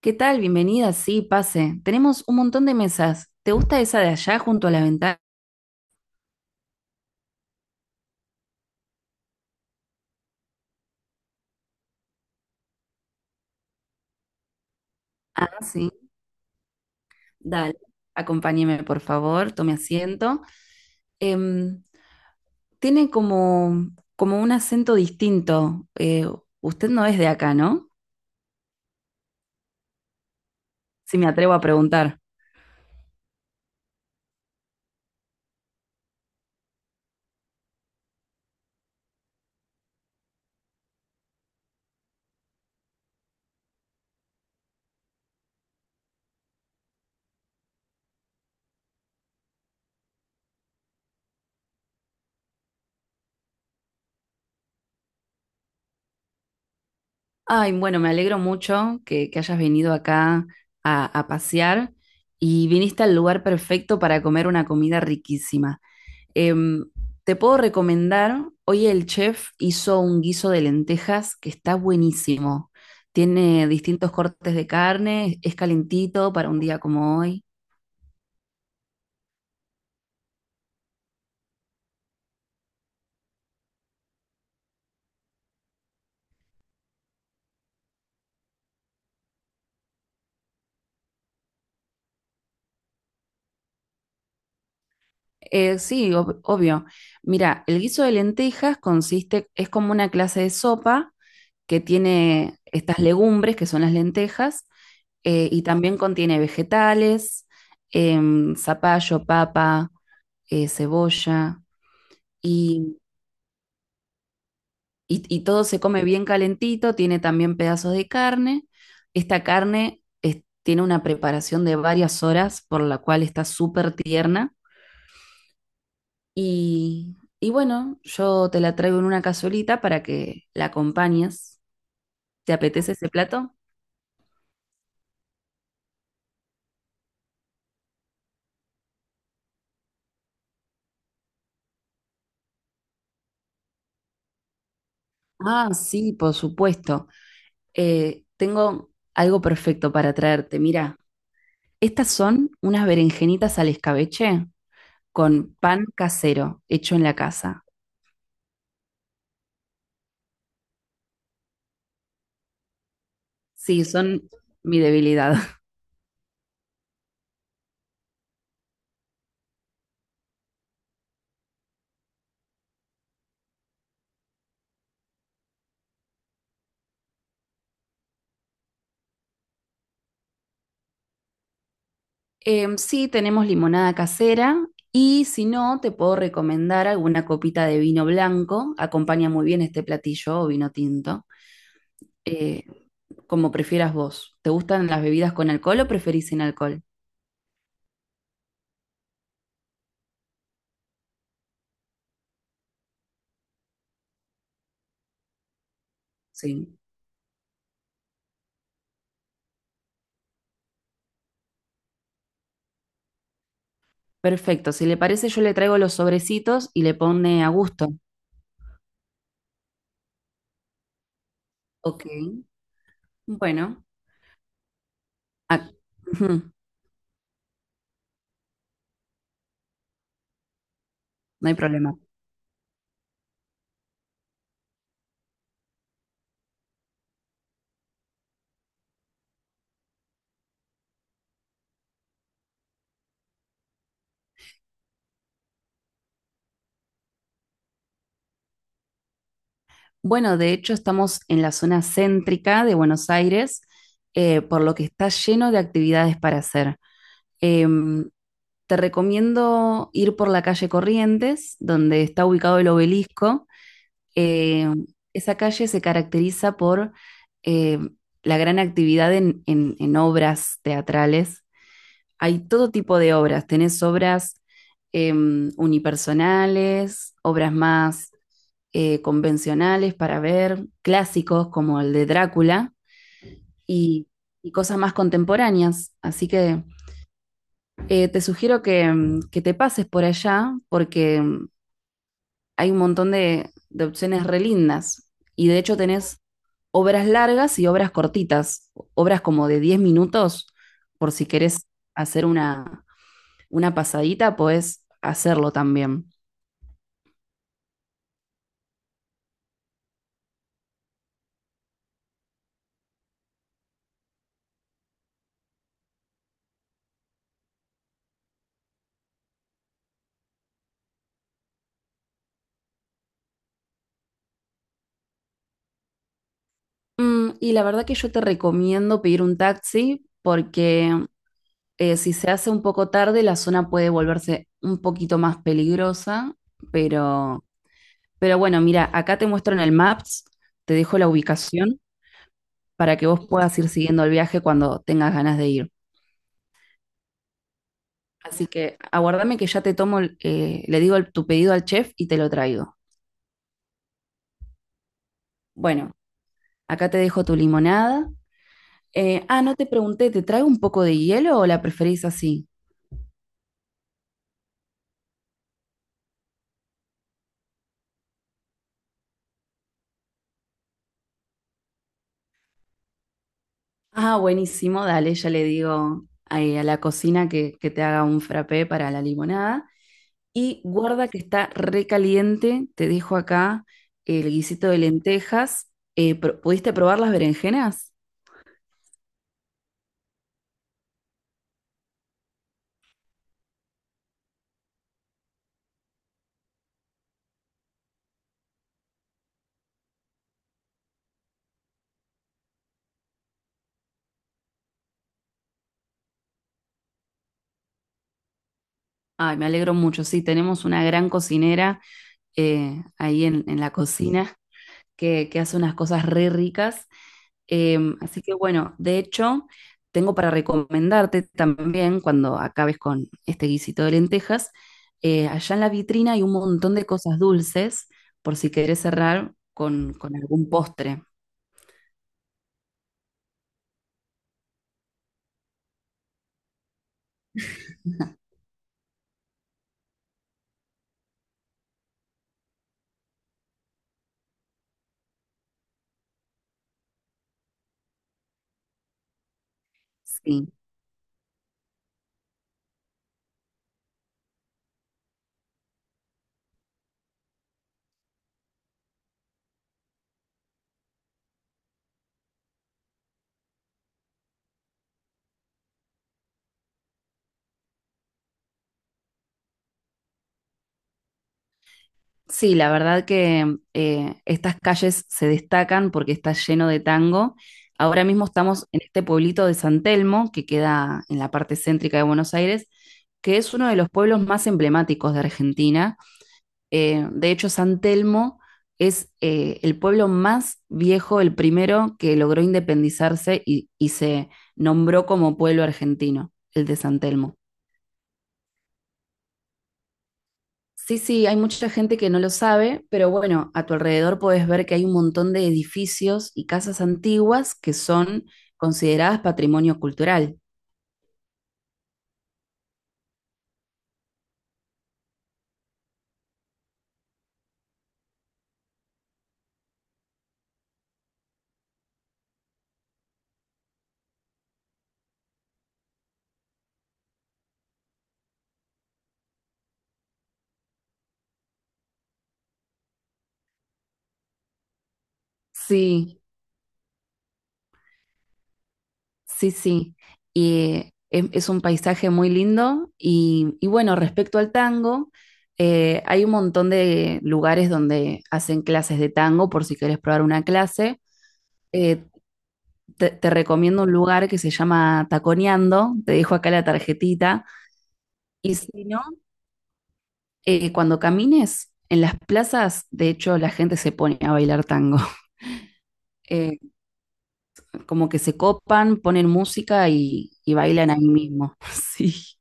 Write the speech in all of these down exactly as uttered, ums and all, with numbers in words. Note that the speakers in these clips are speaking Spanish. ¿Qué tal? Bienvenida. Sí, pase. Tenemos un montón de mesas. ¿Te gusta esa de allá junto a la ventana? Ah, sí. Dale. Acompáñeme, por favor. Tome asiento. Em, Tiene como, como un acento distinto. Eh, usted no es de acá, ¿no? Si me atrevo a preguntar. Ay, bueno, me alegro mucho que, que hayas venido acá a, a pasear y viniste al lugar perfecto para comer una comida riquísima. Em, Te puedo recomendar, hoy el chef hizo un guiso de lentejas que está buenísimo. Tiene distintos cortes de carne, es calentito para un día como hoy. Eh, sí, ob- obvio. Mira, el guiso de lentejas consiste, es como una clase de sopa que tiene estas legumbres, que son las lentejas, eh, y también contiene vegetales, em, zapallo, papa, eh, cebolla. Y y, y todo se come bien calentito, tiene también pedazos de carne. Esta carne es- tiene una preparación de varias horas, por la cual está súper tierna. Y, y bueno, yo te la traigo en una cazuelita para que la acompañes. ¿Te apetece ese plato? Ah, sí, por supuesto. Eh, tengo algo perfecto para traerte. Mira, estas son unas berenjenitas al escabeche con pan casero hecho en la casa. Sí, son mi debilidad. Em, sí, tenemos limonada casera y si no, te puedo recomendar alguna copita de vino blanco. Acompaña muy bien este platillo o vino tinto, eh, como prefieras vos. ¿Te gustan las bebidas con alcohol o preferís sin alcohol? Sí. Perfecto. Si le parece, yo le traigo los sobrecitos y le pone a gusto. Ok. Bueno. ac- Ujú. No hay problema. Bueno, de hecho, estamos en la zona céntrica de Buenos Aires, eh, por lo que está lleno de actividades para hacer. Em, Te recomiendo ir por la calle Corrientes, donde está ubicado el obelisco. Eh, Esa calle se caracteriza por eh, la gran actividad en, en- en obras teatrales. Hay todo tipo de obras. Tenés obras em, unipersonales, obras más eh, convencionales para ver, clásicos como el de Drácula y, y cosas más contemporáneas. Así que eh, te sugiero que, mm, que te pases por allá porque mm, hay un montón de, de opciones re lindas. Y de hecho tenés obras largas y obras cortitas, obras como de diez minutos, por si querés hacer una, una pasadita, podés hacerlo también. Mm, y la verdad que yo te recomiendo pedir un taxi porque eh, si se hace un poco tarde, la zona puede volverse un poquito más peligrosa, pero. Pero bueno, mira, acá te muestro en el Maps, te dejo la ubicación para que vos puedas ir siguiendo el viaje cuando tengas ganas de ir. Así que aguardame que ya te tomo, el- eh, le digo el- tu pedido al chef y te lo traigo. Bueno, acá te dejo tu limonada. Eh, ah, no te pregunté, ¿te traigo un poco de hielo o la preferís así? Ah, buenísimo, dale, ya le digo ahí a la cocina que, que te haga un frappé para la limonada. Y guarda que está recaliente, te dejo acá el guisito de lentejas. Eh, pro- ¿pudiste probar las berenjenas? Ay, me alegro mucho, sí, tenemos una gran cocinera eh, ahí en, en la cocina que, que hace unas cosas re ricas. Em, así que bueno, de hecho, tengo para recomendarte también cuando acabes con este guisito de lentejas, eh, allá en la vitrina hay un montón de cosas dulces por si querés cerrar con, con algún postre. Sí. Sí, la verdad que eh, estas calles se destacan porque está lleno de tango. Ahora mismo estamos en este pueblito de San Telmo, que queda en la parte céntrica de Buenos Aires, que es uno de los pueblos más emblemáticos de Argentina. Eh, de hecho, San Telmo es eh, el pueblo más viejo, el primero que logró independizarse y, y se nombró como pueblo argentino, el de San Telmo. Sí, sí, hay mucha gente que no lo sabe, pero bueno, a tu alrededor puedes ver que hay un montón de edificios y casas antiguas que son consideradas patrimonio cultural. Sí, sí, sí. Y es, es un paisaje muy lindo. Y, y bueno, respecto al tango, eh, hay un montón de lugares donde hacen clases de tango por si quieres probar una clase. Eh, te, te recomiendo un lugar que se llama Taconeando, te dejo acá la tarjetita. Y si no... eh, cuando camines en las plazas, de hecho, la gente se pone a bailar tango. Eh, Como que se copan, ponen música y, y bailan ahí mismo. Sí.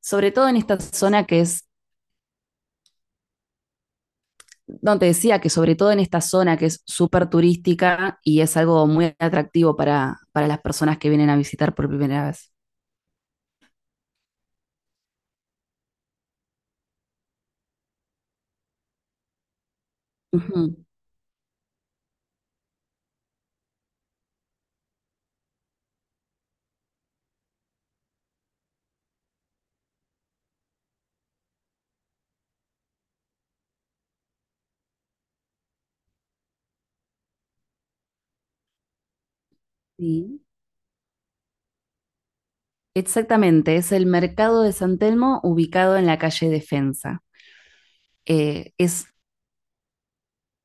Sobre todo en esta zona que es no, te decía que sobre todo en esta zona que es súper turística y es algo muy atractivo para, para las personas que vienen a visitar por primera vez. Ujú, sí. Exactamente, es el mercado de San Telmo ubicado en la calle Defensa. Eh, es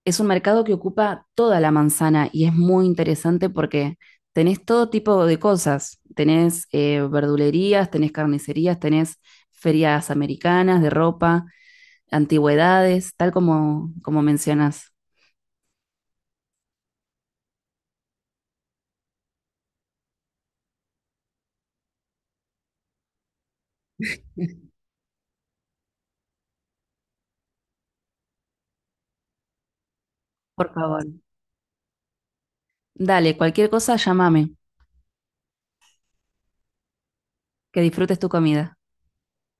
es un mercado que ocupa toda la manzana y es muy interesante porque tenés todo tipo de cosas. Tenés eh, verdulerías, tenés carnicerías, tenés ferias americanas de ropa, antigüedades, tal como, como mencionas. Por favor. Dale, cualquier cosa, llámame. Que disfrutes tu comida.